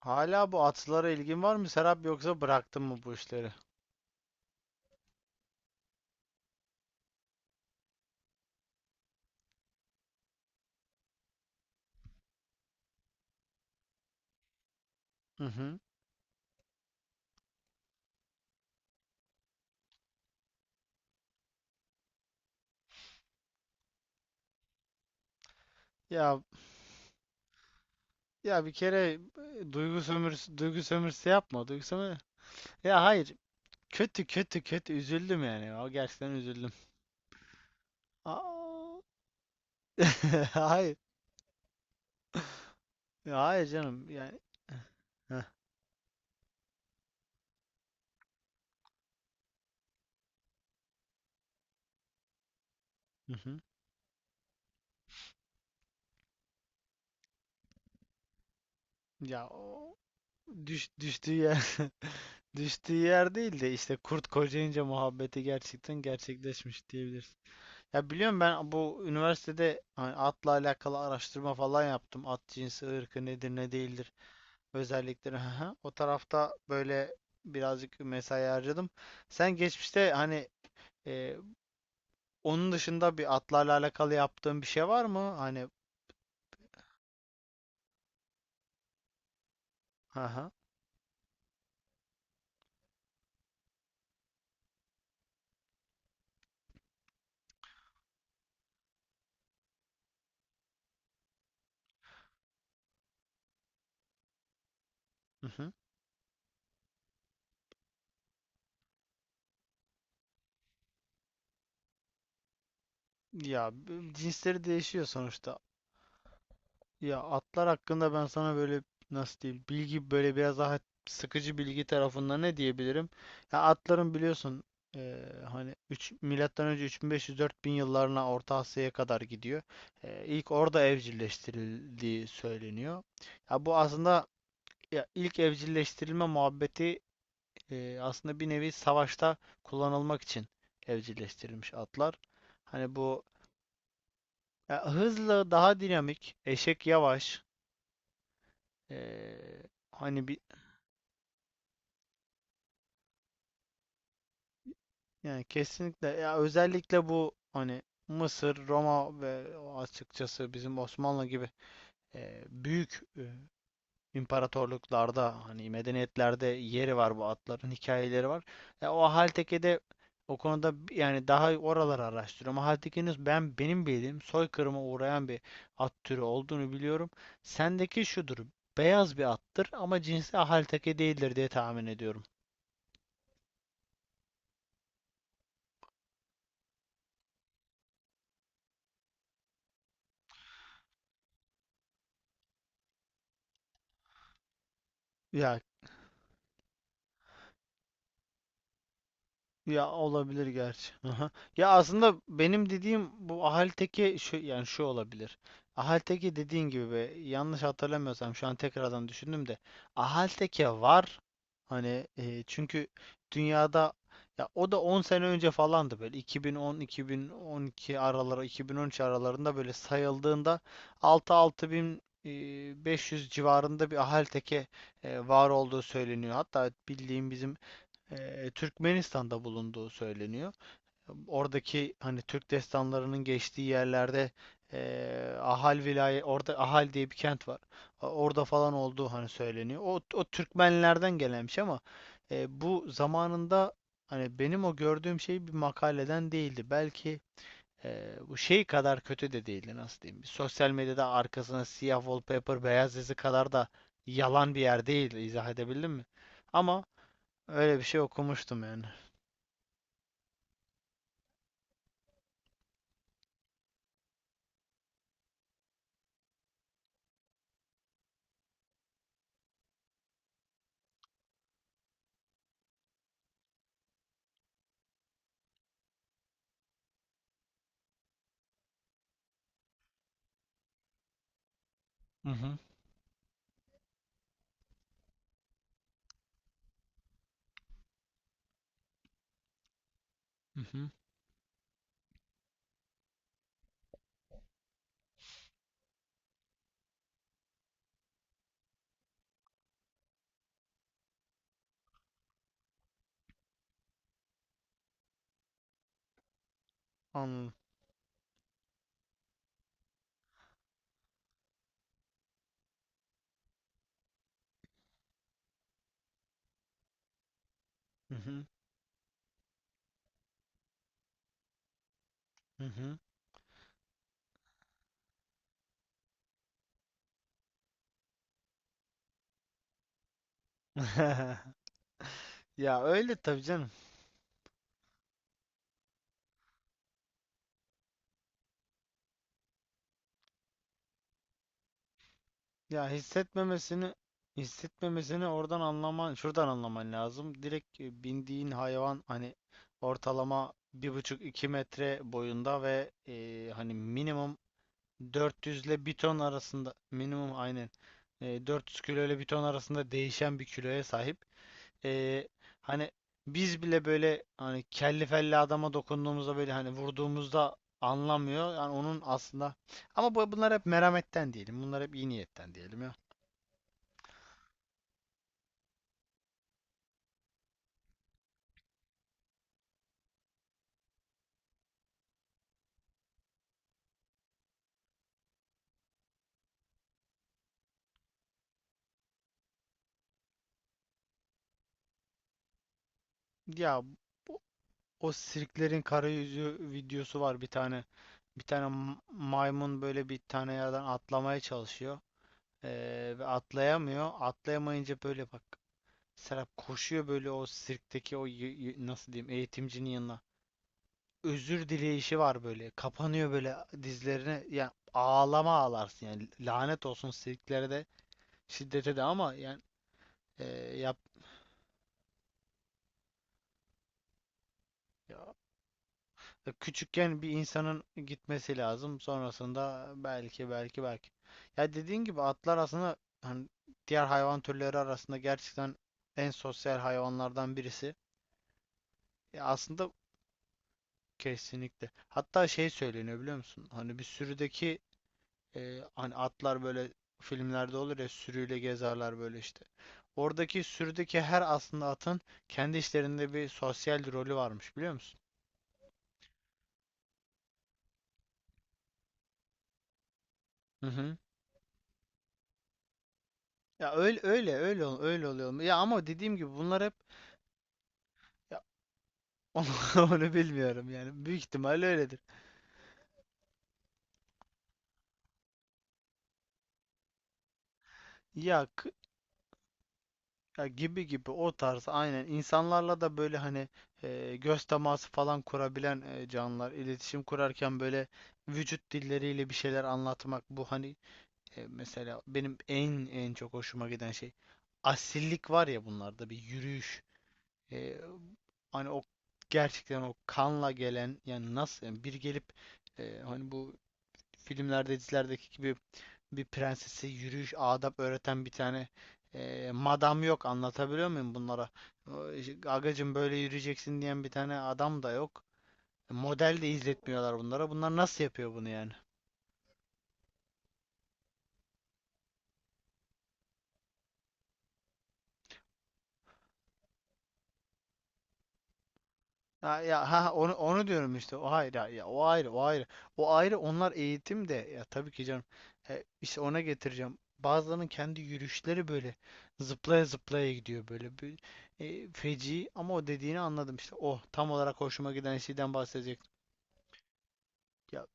Hala bu atlara ilgin var mı, Serap, yoksa bıraktın mı bu işleri? Hı hı. Ya ya bir kere, duygu sömürüsü duygu sömürüsü yapma. Ya hayır. Kötü kötü kötü üzüldüm yani. O, gerçekten üzüldüm. Aa. Hayır. Ya hayır canım. Yani, Heh, hı hı. Ya o düştüğü yer düştüğü yer değil de işte kurt kocayınca muhabbeti gerçekten gerçekleşmiş diyebiliriz. Ya biliyorum, ben bu üniversitede hani atla alakalı araştırma falan yaptım. At cinsi, ırkı nedir, ne değildir, özellikleri. haha. O tarafta böyle birazcık mesai harcadım. Sen geçmişte hani, e, onun dışında bir atlarla alakalı yaptığın bir şey var mı? Hani. Haha. Hı. Ya cinsleri değişiyor sonuçta. Ya atlar hakkında ben sana böyle, nasıl diyeyim, bilgi böyle biraz daha sıkıcı bilgi tarafında ne diyebilirim? Ya atların biliyorsun, hani 3 milattan önce 3500-4000 yıllarına Orta Asya'ya kadar gidiyor. İlk orada evcilleştirildiği söyleniyor. Ya, bu aslında, ya ilk evcilleştirilme muhabbeti, aslında bir nevi savaşta kullanılmak için evcilleştirilmiş atlar. Hani bu, ya hızlı, daha dinamik, eşek yavaş. Ee, hani bir, yani kesinlikle, ya özellikle bu, hani Mısır, Roma ve açıkçası bizim Osmanlı gibi, büyük, imparatorluklarda, hani medeniyetlerde yeri var, bu atların hikayeleri var. Ya o Haltepe'de o konuda, yani daha oraları araştırıyorum. Haltepe'nin, benim bildiğim, soykırıma uğrayan bir at türü olduğunu biliyorum. Sendeki şudur. Beyaz bir attır ama cinsi Halteke değildir diye tahmin ediyorum. Ya Ya olabilir gerçi. Aha. Ya aslında benim dediğim bu Ahalteki, şu yani, şu olabilir. Ahalteki dediğin gibi, yanlış hatırlamıyorsam, şu an tekrardan düşündüm de Ahalteki var. Hani, çünkü dünyada, ya o da 10 sene önce falandı, böyle 2010, 2012 araları, 2013 aralarında böyle sayıldığında 6-6500 civarında bir Ahalteki, var olduğu söyleniyor. Hatta bildiğim bizim, Türkmenistan'da bulunduğu söyleniyor. Oradaki hani Türk destanlarının geçtiği yerlerde, Ahal vilayet, orada Ahal diye bir kent var. Orada falan olduğu hani söyleniyor. O Türkmenlerden gelenmiş, ama bu zamanında hani benim o gördüğüm şey bir makaleden değildi. Belki bu şey kadar kötü de değildi, nasıl diyeyim. Sosyal medyada arkasına siyah wallpaper beyaz yazı kadar da yalan bir yer değildi. İzah edebildim mi? Ama Öyle bir şey okumuştum yani. Hı hı. Hı hı. Anladım. Hı hı. Hı hı. Ya, öyle tabii canım. Ya, hissetmemesini oradan anlaman, şuradan anlaman lazım. Direkt, bindiğin hayvan hani ortalama 1,5-2 metre boyunda ve, hani minimum 400 ile bir ton arasında, minimum, aynen, 400 kilo ile bir ton arasında değişen bir kiloya sahip. Ee, hani biz bile böyle, hani kelli felli adama dokunduğumuzda böyle, hani vurduğumuzda anlamıyor. Yani onun aslında, ama bunlar hep merhametten diyelim. Bunlar hep iyi niyetten diyelim ya. Ya bu- o sirklerin karayüzü videosu var bir tane. Bir tane maymun böyle bir tane yerden atlamaya çalışıyor. Ve atlayamıyor. Atlayamayınca böyle, bak, Serap koşuyor böyle o sirkteki o, nasıl diyeyim, eğitimcinin yanına. Özür dileyişi var böyle. Kapanıyor böyle dizlerine. Yani ağlama ağlarsın yani. Lanet olsun siliklere de, şiddete de, ama yani, e, yap, ya- küçükken bir insanın gitmesi lazım. Sonrasında belki, belki, belki. Ya, dediğin gibi, atlar aslında hani diğer hayvan türleri arasında gerçekten en sosyal hayvanlardan birisi. Ya aslında kesinlikle. Hatta şey söyleniyor biliyor musun? Hani bir sürüdeki, hani atlar böyle filmlerde olur ya, sürüyle gezerler böyle işte. Oradaki sürüdeki her aslında atın kendi işlerinde bir sosyal rolü varmış biliyor musun? Hı hı. Ya öyle öyle öyle, öyle oluyor. Ya ama dediğim gibi bunlar hep, ya, onu, onu bilmiyorum yani. Büyük ihtimalle öyledir. Ya, ya gibi gibi, o tarz, aynen, insanlarla da böyle hani, göz teması falan kurabilen, canlılar iletişim kurarken böyle vücut dilleriyle bir şeyler anlatmak bu hani. E, mesela benim en çok hoşuma giden şey, asillik var ya bunlarda, bir yürüyüş. E, hani o gerçekten o kanla gelen, yani nasıl yani, bir gelip, hani bu filmlerde dizilerdeki gibi bir prensese yürüyüş adap öğreten bir tane, madam yok, anlatabiliyor muyum bunlara? O, işte, Agacım böyle yürüyeceksin diyen bir tane adam da yok. E, Model de izletmiyorlar bunlara. Bunlar nasıl yapıyor bunu yani? Ha, ya, ha ha, onu diyorum işte. O ayrı, ha, ya, o ayrı, o ayrı. O ayrı, onlar eğitim de ya, tabii ki canım. E, işte ona getireceğim. Bazılarının kendi yürüyüşleri böyle zıplaya zıplaya gidiyor böyle bir, feci, ama o dediğini anladım işte. Oh, tam olarak hoşuma giden şeyden bahsedecektim. Ya,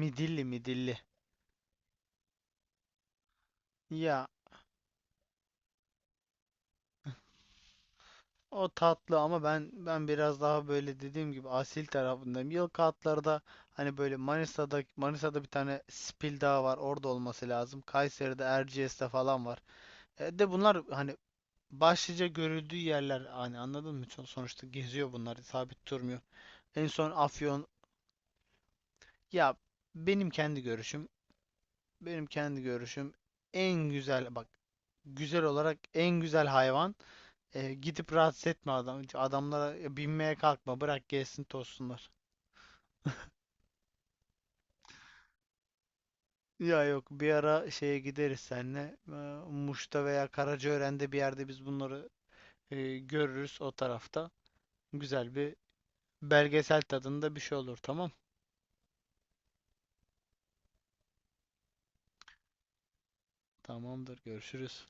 midilli midilli. Ya, o tatlı ama ben biraz daha böyle dediğim gibi asil tarafındayım. Yılkı atlarda hani böyle, Manisa'da bir tane Spil Dağı var. Orada olması lazım. Kayseri'de Erciyes'te falan var. E, de bunlar hani başlıca görüldüğü yerler hani, anladın mı? Sonuçta geziyor bunlar, sabit durmuyor. En son Afyon. Ya, benim kendi görüşüm benim kendi görüşüm, en güzel, bak, güzel olarak en güzel hayvan. E, gidip rahatsız etme adam. Adamlara binmeye kalkma. Bırak gelsin, tozsunlar. Ya yok, bir ara şeye gideriz seninle. E, Muş'ta veya Karacaören'de bir yerde biz bunları, görürüz o tarafta. Güzel bir belgesel tadında bir şey olur, tamam. Tamamdır, görüşürüz.